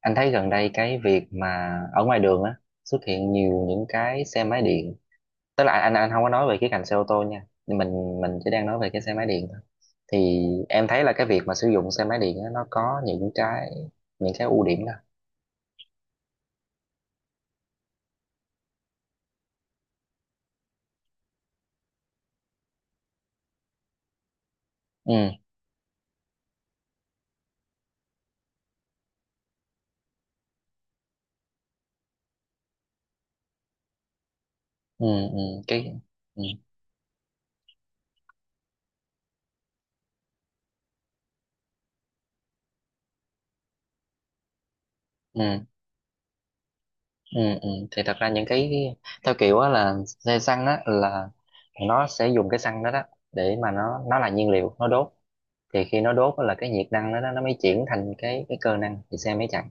Anh thấy gần đây cái việc mà ở ngoài đường á xuất hiện nhiều những cái xe máy điện. Tức là anh không có nói về cái cạnh xe ô tô nha. Nhưng mình chỉ đang nói về cái xe máy điện thôi. Thì em thấy là cái việc mà sử dụng xe máy điện á nó có những cái ưu điểm đó. Ừ. Ừ. Ừ. cái ừ. Ừ. Ừ, ừ. Thì thật ra những cái theo kiểu á là xe xăng á là nó sẽ dùng cái xăng đó đó để mà nó là nhiên liệu nó đốt. Thì khi nó đốt á là cái nhiệt năng đó, nó mới chuyển thành cái cơ năng thì xe mới chạy.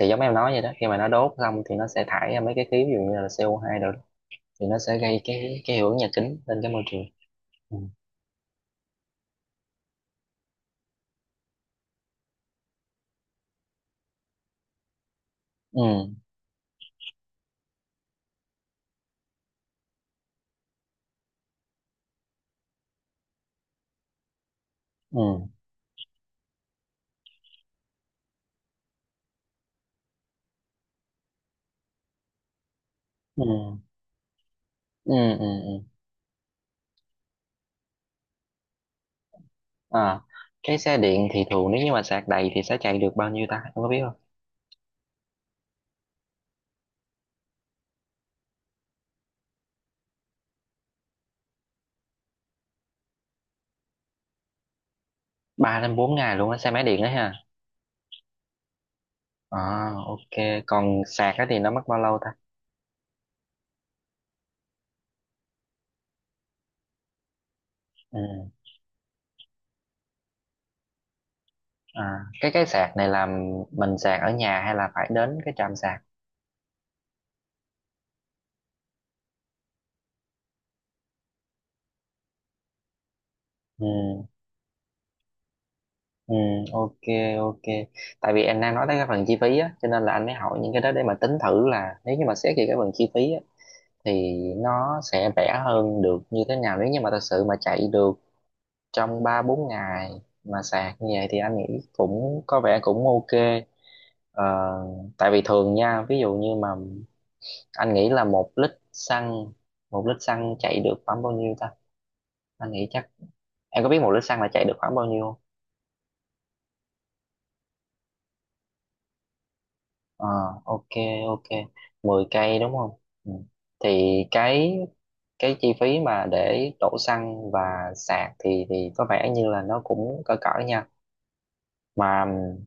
Thì giống em nói vậy đó, khi mà nó đốt xong thì nó sẽ thải ra mấy cái khí, ví dụ như là CO2 rồi thì nó sẽ gây cái hiệu ứng nhà kính lên cái môi trường. Ừ. Ừ. Ừ. Ừ. Ừ. Ừ. Ừ. À, cái xe điện thì thường nếu như mà sạc đầy thì sẽ chạy được bao nhiêu ta, em có biết không? 3 đến 4 ngày luôn á, xe máy điện đó ha? À, ok, còn sạc á thì nó mất bao lâu ta? Ừ. À, cái sạc này là mình sạc ở nhà hay là phải đến cái trạm sạc? Ừ. Ừ, ok. Ok, tại vì em đang nói tới cái phần chi phí á cho nên là anh mới hỏi những cái đó để mà tính thử là nếu như mà xét về cái phần chi phí á thì nó sẽ rẻ hơn được như thế nào. Nếu như mà thật sự mà chạy được trong ba bốn ngày mà sạc như vậy thì anh nghĩ cũng có vẻ cũng ok. ờ, Tại vì thường nha, ví dụ như mà anh nghĩ là một lít xăng chạy được khoảng bao nhiêu ta? Anh nghĩ chắc em có biết 1 lít xăng là chạy được khoảng bao nhiêu. Ờ, ok, ok, 10 cây đúng không? Ừ. Thì cái chi phí mà để đổ xăng và sạc thì có vẻ như là nó cũng cỡ cỡ nha. Mà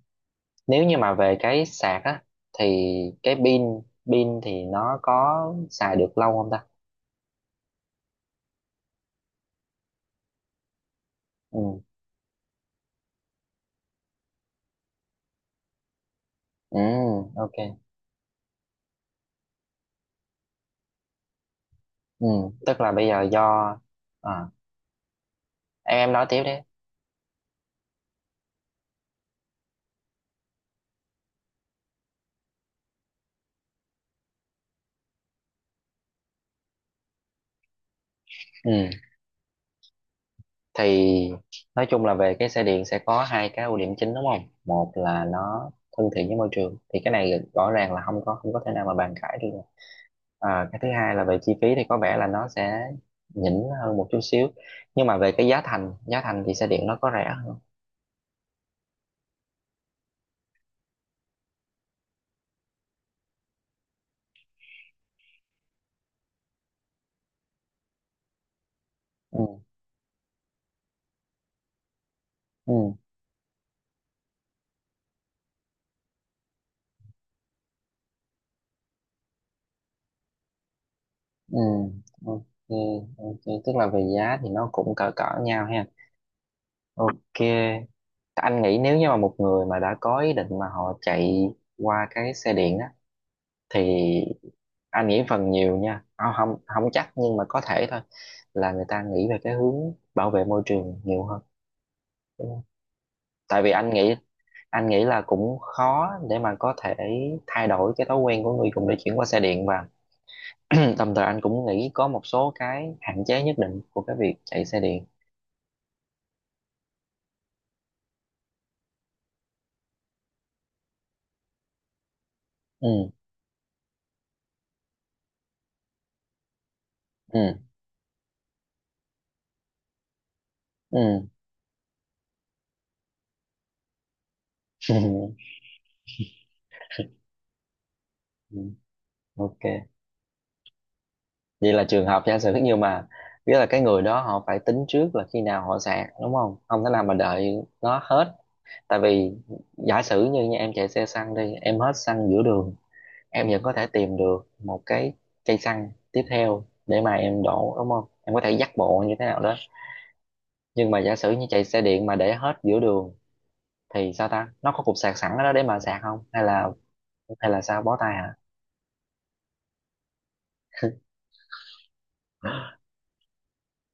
nếu như mà về cái sạc á thì cái pin pin thì nó có xài được lâu không ta? Ừ. Ừ. Ok. Ừ. Tức là bây giờ à, em nói tiếp đi. Ừ. Thì nói chung là về cái xe điện sẽ có hai cái ưu điểm chính đúng không? Một là nó thân thiện với môi trường thì cái này rõ ràng là không có thể nào mà bàn cãi được. À, cái thứ hai là về chi phí thì có vẻ là nó sẽ nhỉnh hơn một chút xíu. Nhưng mà về cái giá thành thì xe điện nó có rẻ hơn. Ừ. Ừ. Ừ. Ok. Ok, tức là về giá thì nó cũng cỡ cỡ nhau ha? Ok. Anh nghĩ nếu như mà một người mà đã có ý định mà họ chạy qua cái xe điện á thì anh nghĩ phần nhiều nha, không không không chắc nhưng mà có thể thôi, là người ta nghĩ về cái hướng bảo vệ môi trường nhiều hơn đúng không? Tại vì anh nghĩ là cũng khó để mà có thể thay đổi cái thói quen của người dùng để chuyển qua xe điện. Và đồng thời anh cũng nghĩ có một số cái hạn chế nhất định của cái việc chạy xe điện. Ừ. Ừ. Ừ. Ừ, ok. Vậy là trường hợp giả sử nhưng mà nghĩa là cái người đó họ phải tính trước là khi nào họ sạc đúng không? Không thể nào mà đợi nó hết. Tại vì giả sử như nha, em chạy xe xăng đi, em hết xăng giữa đường, em vẫn có thể tìm được một cái cây xăng tiếp theo để mà em đổ đúng không, em có thể dắt bộ như thế nào đó. Nhưng mà giả sử như chạy xe điện mà để hết giữa đường thì sao ta, nó có cục sạc sẵn ở đó để mà sạc không, hay là sao, bó tay hả?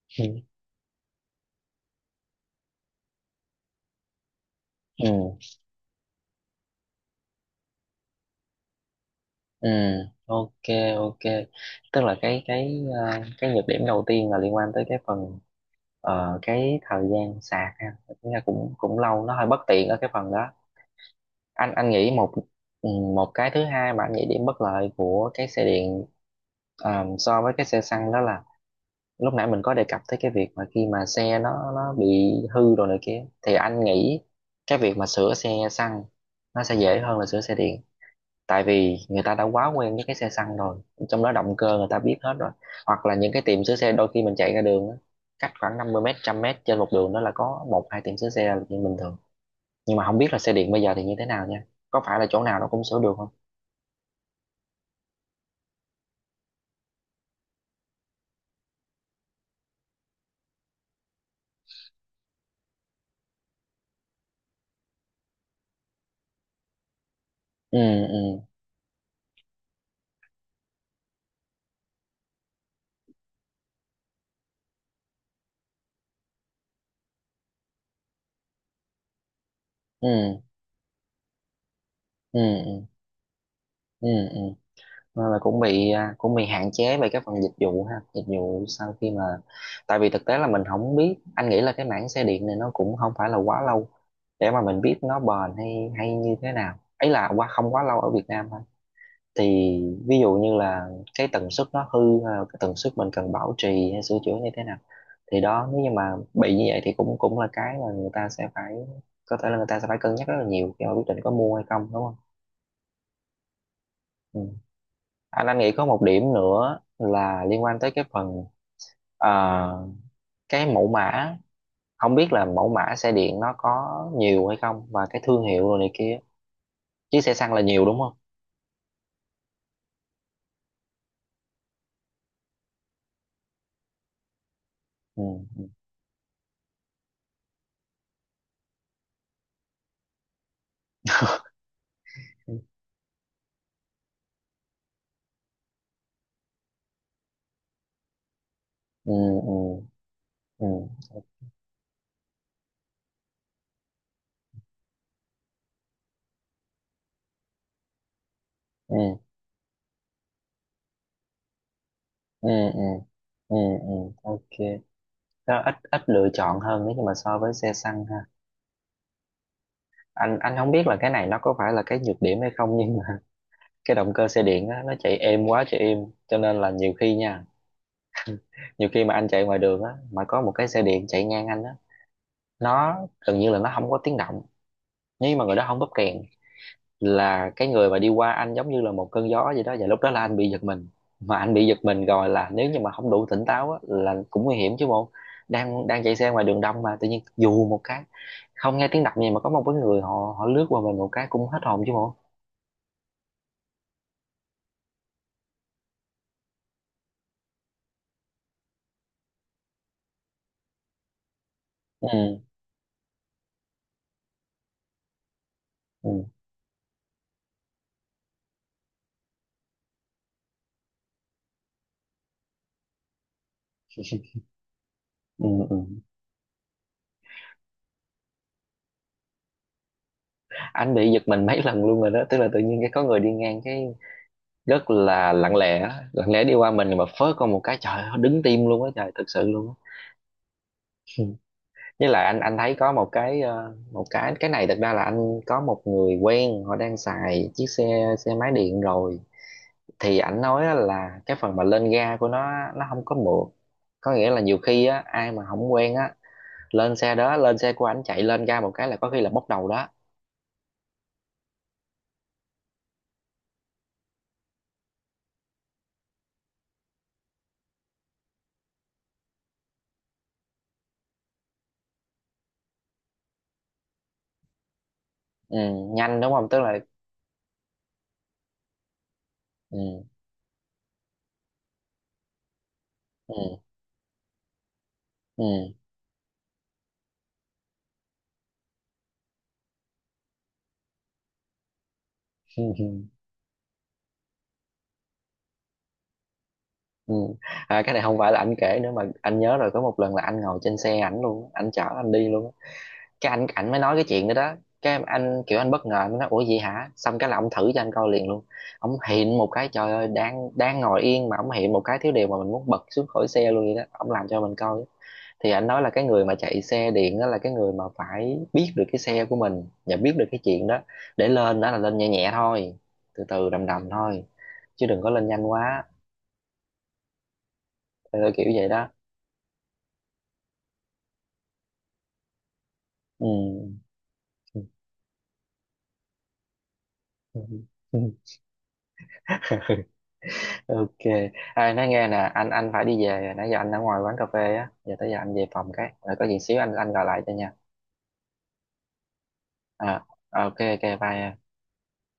Ừ. Ừ. Ok. Ok, tức là cái nhược điểm đầu tiên là liên quan tới cái phần cái thời gian sạc ha. Tính ra cũng cũng lâu, nó hơi bất tiện ở cái phần đó. Anh anh nghĩ một ừ, một cái thứ hai mà anh nghĩ điểm bất lợi của cái xe điện so với cái xe xăng đó là lúc nãy mình có đề cập tới cái việc mà khi mà xe nó bị hư rồi này kia thì anh nghĩ cái việc mà sửa xe xăng nó sẽ dễ hơn là sửa xe điện. Tại vì người ta đã quá quen với cái xe xăng rồi, trong đó động cơ người ta biết hết rồi. Hoặc là những cái tiệm sửa xe, đôi khi mình chạy ra đường á, cách khoảng 50 mét 100 mét trên một đường đó là có một hai tiệm sửa xe là chuyện bình thường. Nhưng mà không biết là xe điện bây giờ thì như thế nào nha, có phải là chỗ nào nó cũng sửa được không? Ừ. Ừ. Ừ. Ừ. Ừ. Ừ, ừ. Nên là cũng bị hạn chế về cái phần dịch vụ ha, dịch vụ sau khi mà. Tại vì thực tế là mình không biết, anh nghĩ là cái mảng xe điện này nó cũng không phải là quá lâu để mà mình biết nó bền hay hay như thế nào ấy, là qua không quá lâu ở Việt Nam thôi. Thì ví dụ như là cái tần suất nó hư hay là cái tần suất mình cần bảo trì hay sửa chữa như thế nào. Thì đó, nếu như mà bị như vậy thì cũng cũng là cái mà người ta sẽ phải, có thể là người ta sẽ phải cân nhắc rất là nhiều khi mà quyết định có mua hay không đúng không? Ừ. anh nghĩ có một điểm nữa là liên quan tới cái phần ờ, cái mẫu mã. Không biết là mẫu mã xe điện nó có nhiều hay không và cái thương hiệu rồi này kia, chứ xe xăng là nhiều đúng không? Ừ. Ừ. Ừ. Ừ. Ừ. Ừ. Ừ. Ừ. Ừ. Ừ, ok. Nó ít ít lựa chọn hơn nếu như mà so với xe xăng ha. Anh không biết là cái này nó có phải là cái nhược điểm hay không, nhưng mà cái động cơ xe điện á, nó chạy êm quá, chạy êm. Cho nên là nhiều khi mà anh chạy ngoài đường á mà có một cái xe điện chạy ngang anh á, nó gần như là nó không có tiếng động. Nhưng mà người đó không bóp kèn, là cái người mà đi qua anh giống như là một cơn gió vậy đó, và lúc đó là anh bị giật mình. Mà anh bị giật mình rồi là nếu như mà không đủ tỉnh táo á, là cũng nguy hiểm chứ bộ. Đang đang chạy xe ngoài đường đông mà tự nhiên dù một cái không nghe tiếng động gì mà có một cái người họ họ lướt qua mình một cái, cũng hết hồn chứ bộ. Ừ, ừ, ừ, ừ. Anh bị giật mình mấy lần luôn rồi đó, tức là tự nhiên cái có người đi ngang cái, rất là lặng lẽ, lặng lẽ đi qua mình mà phớt con một cái, trời ơi, đứng tim luôn á trời, thực sự luôn á. Ừ. Với lại anh thấy có một cái ờ, một cái này, thật ra là anh có một người quen họ đang xài chiếc xe xe máy điện rồi. Thì ảnh nói á là cái phần mà lên ga của nó không có mượt. Có nghĩa là nhiều khi á ai mà không quen á, lên xe của ảnh chạy, lên ga một cái là có khi là bốc đầu đó. Ừ, nhanh đúng không, tức là ừ, ừ, ừ. Ừ. À, cái này không phải là anh kể nữa mà anh nhớ rồi, có một lần là anh ngồi trên xe ảnh luôn, anh chở anh đi luôn. Cái anh ảnh mới nói cái chuyện đó đó. Anh kiểu anh bất ngờ, anh mới nói ủa gì hả, xong cái là ông thử cho anh coi liền luôn. Ông hiện một cái, trời ơi, đang đang ngồi yên mà ông hiện một cái thiếu điều mà mình muốn bật xuống khỏi xe luôn vậy đó, ông làm cho mình coi. Thì anh nói là cái người mà chạy xe điện đó là cái người mà phải biết được cái xe của mình và biết được cái chuyện đó, để lên đó là lên nhẹ nhẹ thôi, từ từ đầm đầm thôi, chứ đừng có lên nhanh quá. Ờ, Kiểu vậy đó. Ừ. Ừ. Ừ. Ok. À, nói nghe nè, anh phải đi về rồi. Nãy giờ anh ở ngoài quán cà phê á, giờ tới giờ anh về phòng cái rồi có gì xíu anh gọi lại cho nha. À, ok, ok, bye.